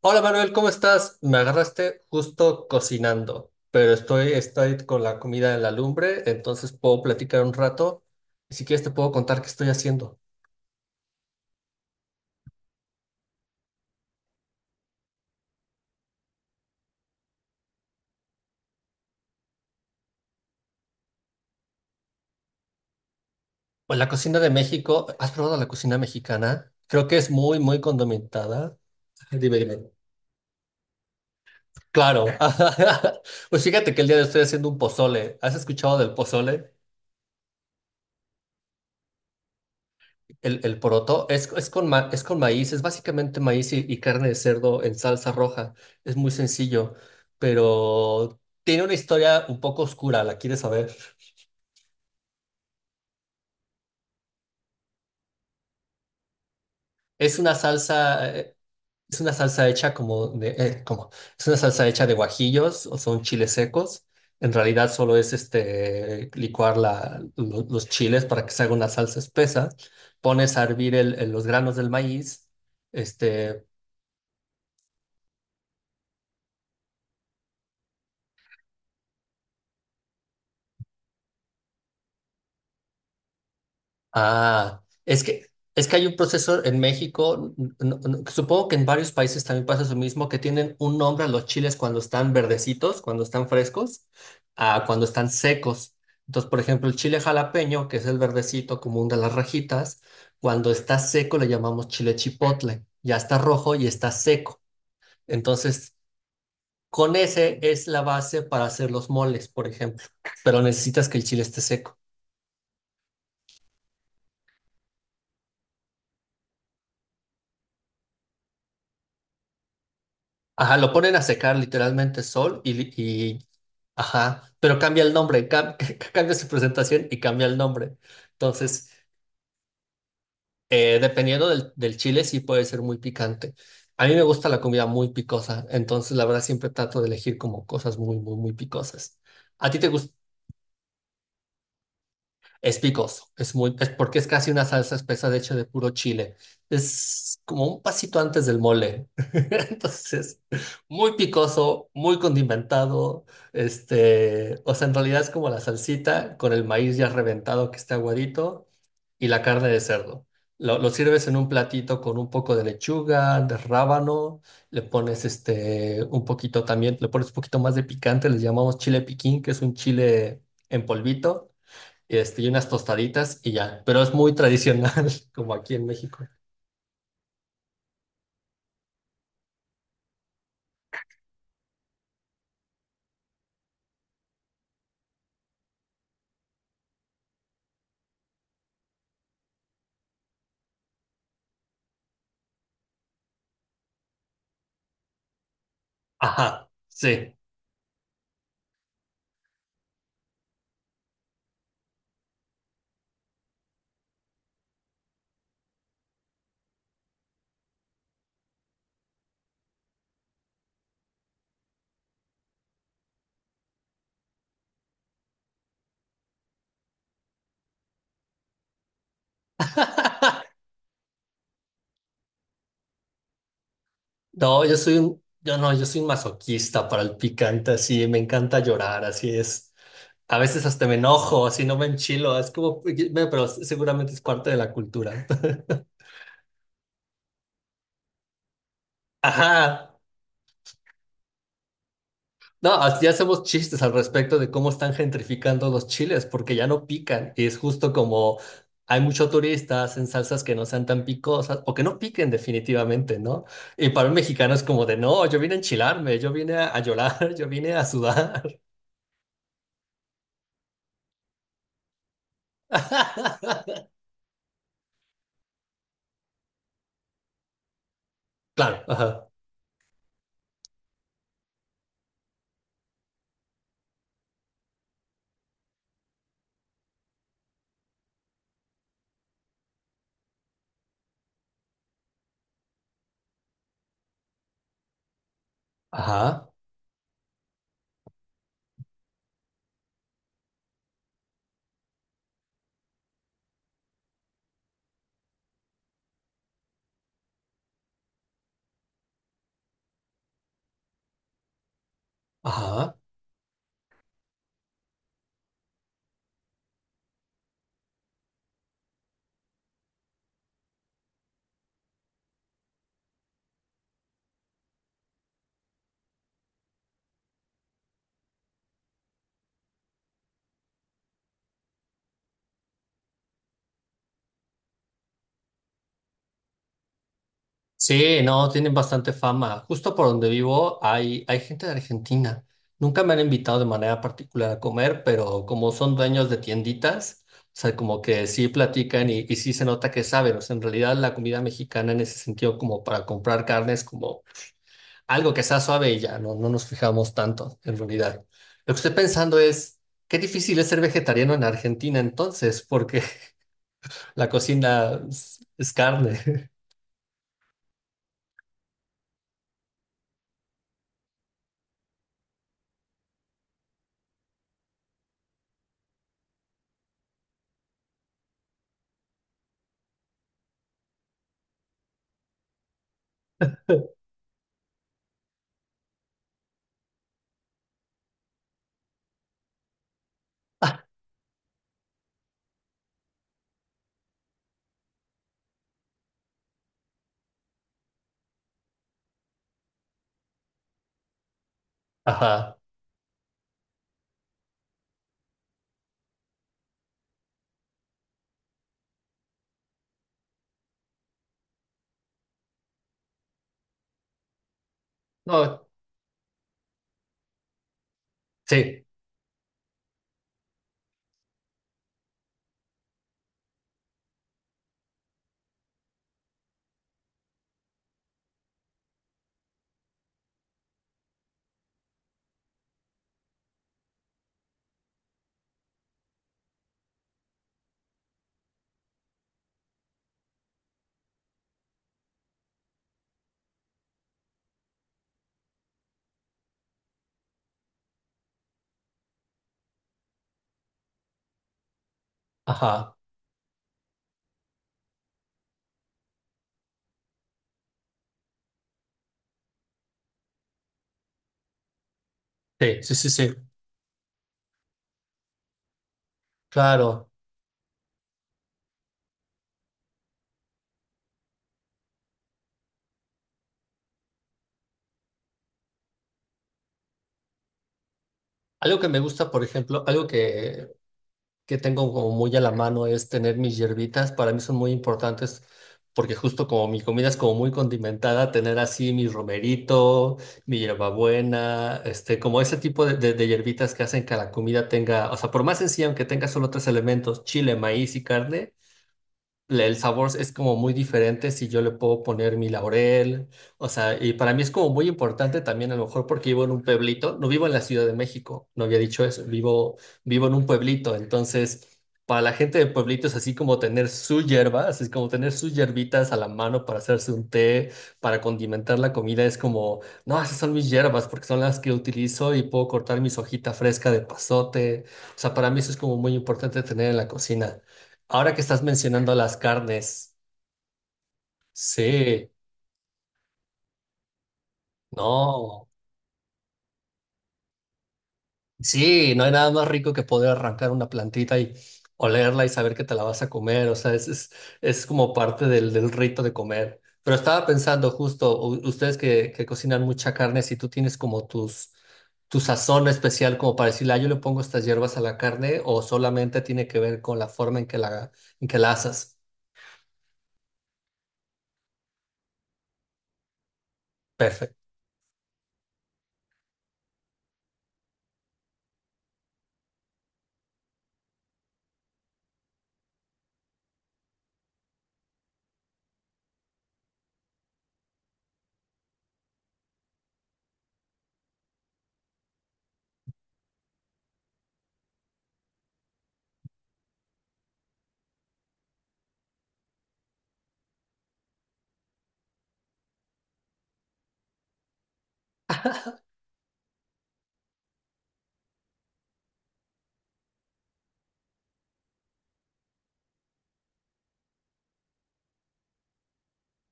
Hola Manuel, ¿cómo estás? Me agarraste justo cocinando, pero estoy con la comida en la lumbre, entonces puedo platicar un rato. Y si quieres te puedo contar qué estoy haciendo. Pues la cocina de México, ¿has probado la cocina mexicana? Creo que es muy condimentada. Dime, dime. Claro. Pues fíjate que el día de hoy estoy haciendo un pozole. ¿Has escuchado del pozole? El poroto es es con maíz, es básicamente maíz y carne de cerdo en salsa roja. Es muy sencillo, pero tiene una historia un poco oscura, la quieres saber. Es una salsa, eh, es una salsa hecha es una salsa hecha de guajillos o son chiles secos. En realidad solo es licuar los chiles para que se haga una salsa espesa. Pones a hervir los granos del maíz. Este, Ah, es que, es que hay un proceso en México, supongo que en varios países también pasa lo mismo, que tienen un nombre a los chiles cuando están verdecitos, cuando están frescos, a cuando están secos. Entonces, por ejemplo, el chile jalapeño, que es el verdecito común de las rajitas, cuando está seco le llamamos chile chipotle. Ya está rojo y está seco. Entonces, con ese es la base para hacer los moles, por ejemplo. Pero necesitas que el chile esté seco. Ajá, lo ponen a secar literalmente sol y ajá, pero cambia el nombre, cambia su presentación y cambia el nombre. Entonces, dependiendo del chile, sí puede ser muy picante. A mí me gusta la comida muy picosa, entonces la verdad siempre trato de elegir como cosas muy picosas. ¿A ti te gusta? Es picoso, es porque es casi una salsa espesa de hecho de puro chile. Es como un pasito antes del mole. Entonces, muy picoso, muy condimentado. O sea, en realidad es como la salsita con el maíz ya reventado que está aguadito y la carne de cerdo. Lo sirves en un platito con un poco de lechuga, de rábano, le pones un poquito también, le pones un poquito más de picante, le llamamos chile piquín, que es un chile en polvito y unas tostaditas y ya. Pero es muy tradicional, como aquí en México. Ajá, sí. No, yo soy un, yo no, yo soy un masoquista para el picante, así, me encanta llorar, así es. A veces hasta me enojo, así no me enchilo, es como, pero seguramente es parte de la cultura. Ajá. No, ya hacemos chistes al respecto de cómo están gentrificando los chiles, porque ya no pican. Y es justo como hay muchos turistas en salsas que no sean tan picosas o que no piquen definitivamente, ¿no? Y para un mexicano es como de, no, yo vine a enchilarme, yo vine a llorar, yo vine a sudar. Claro, ajá, ajá, ajá. Sí, no, tienen bastante fama. Justo por donde vivo hay gente de Argentina. Nunca me han invitado de manera particular a comer, pero como son dueños de tienditas, o sea, como que sí platican y sí se nota que saben. O sea, en realidad la comida mexicana en ese sentido, como para comprar carne, es como algo que sea suave y ya, no nos fijamos tanto, en realidad. Lo que estoy pensando es, qué difícil es ser vegetariano en Argentina entonces, porque la cocina es carne. Ajá. No, sí. Ajá, sí, sí, sí, sí, claro. Algo que me gusta, por ejemplo, que tengo como muy a la mano es tener mis hierbitas. Para mí son muy importantes porque justo como mi comida es como muy condimentada, tener así mi romerito, mi hierbabuena, como ese tipo de hierbitas que hacen que la comida tenga, o sea, por más sencilla, aunque tenga solo tres elementos, chile, maíz y carne, el sabor es como muy diferente si yo le puedo poner mi laurel, o sea, y para mí es como muy importante también a lo mejor porque vivo en un pueblito, no vivo en la Ciudad de México, no había dicho eso, vivo en un pueblito, entonces para la gente de pueblitos es así como tener su hierba, así es como tener sus hierbitas a la mano para hacerse un té, para condimentar la comida, es como, no, esas son mis hierbas porque son las que utilizo y puedo cortar mis hojitas fresca de pasote, o sea, para mí eso es como muy importante tener en la cocina. Ahora que estás mencionando las carnes, sí, no, sí, no hay nada más rico que poder arrancar una plantita y olerla y saber que te la vas a comer, o sea, es como parte del rito de comer. Pero estaba pensando justo, ustedes que cocinan mucha carne, si tú tienes como tu sazón especial como para decirle, ah, yo le pongo estas hierbas a la carne o solamente tiene que ver con la forma en que en que la asas. Perfecto.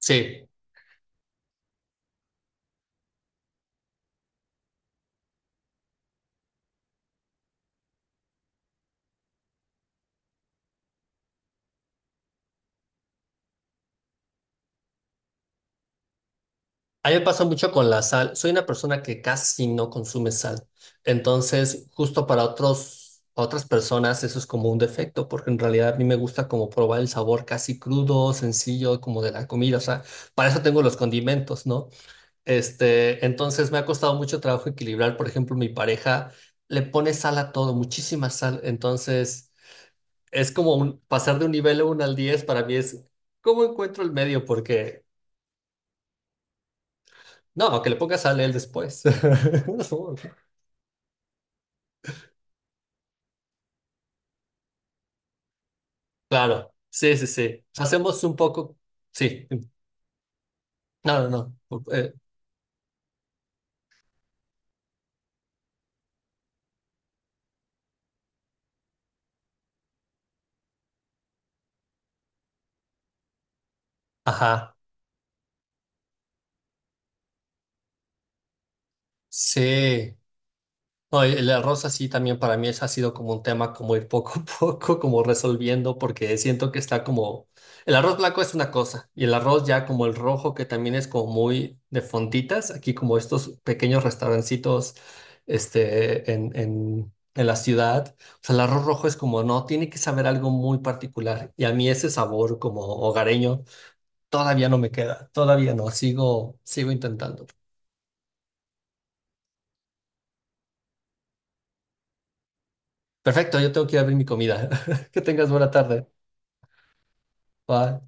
Sí. A mí me pasa mucho con la sal. Soy una persona que casi no consume sal. Entonces, justo para otras personas eso es como un defecto, porque en realidad a mí me gusta como probar el sabor casi crudo, sencillo, como de la comida. O sea, para eso tengo los condimentos, ¿no? Entonces me ha costado mucho trabajo equilibrar. Por ejemplo, mi pareja le pone sal a todo, muchísima sal. Entonces, es como un, pasar de un nivel uno al 10 para mí es, ¿cómo encuentro el medio? Porque no, que le pongas a él después. Claro, sí, sí, sí. Hacemos un poco, sí. No, no, no. Ajá, sí. No, el arroz así también para mí es, ha sido como un tema como ir poco a poco como resolviendo porque siento que está como el arroz blanco es una cosa y el arroz ya como el rojo que también es como muy de fonditas aquí como estos pequeños restaurancitos en la ciudad, o sea el arroz rojo es como no tiene que saber algo muy particular y a mí ese sabor como hogareño todavía no me queda, todavía no, sigo sigo intentando. Perfecto, yo tengo que ir a abrir mi comida. Que tengas buena tarde. Bye.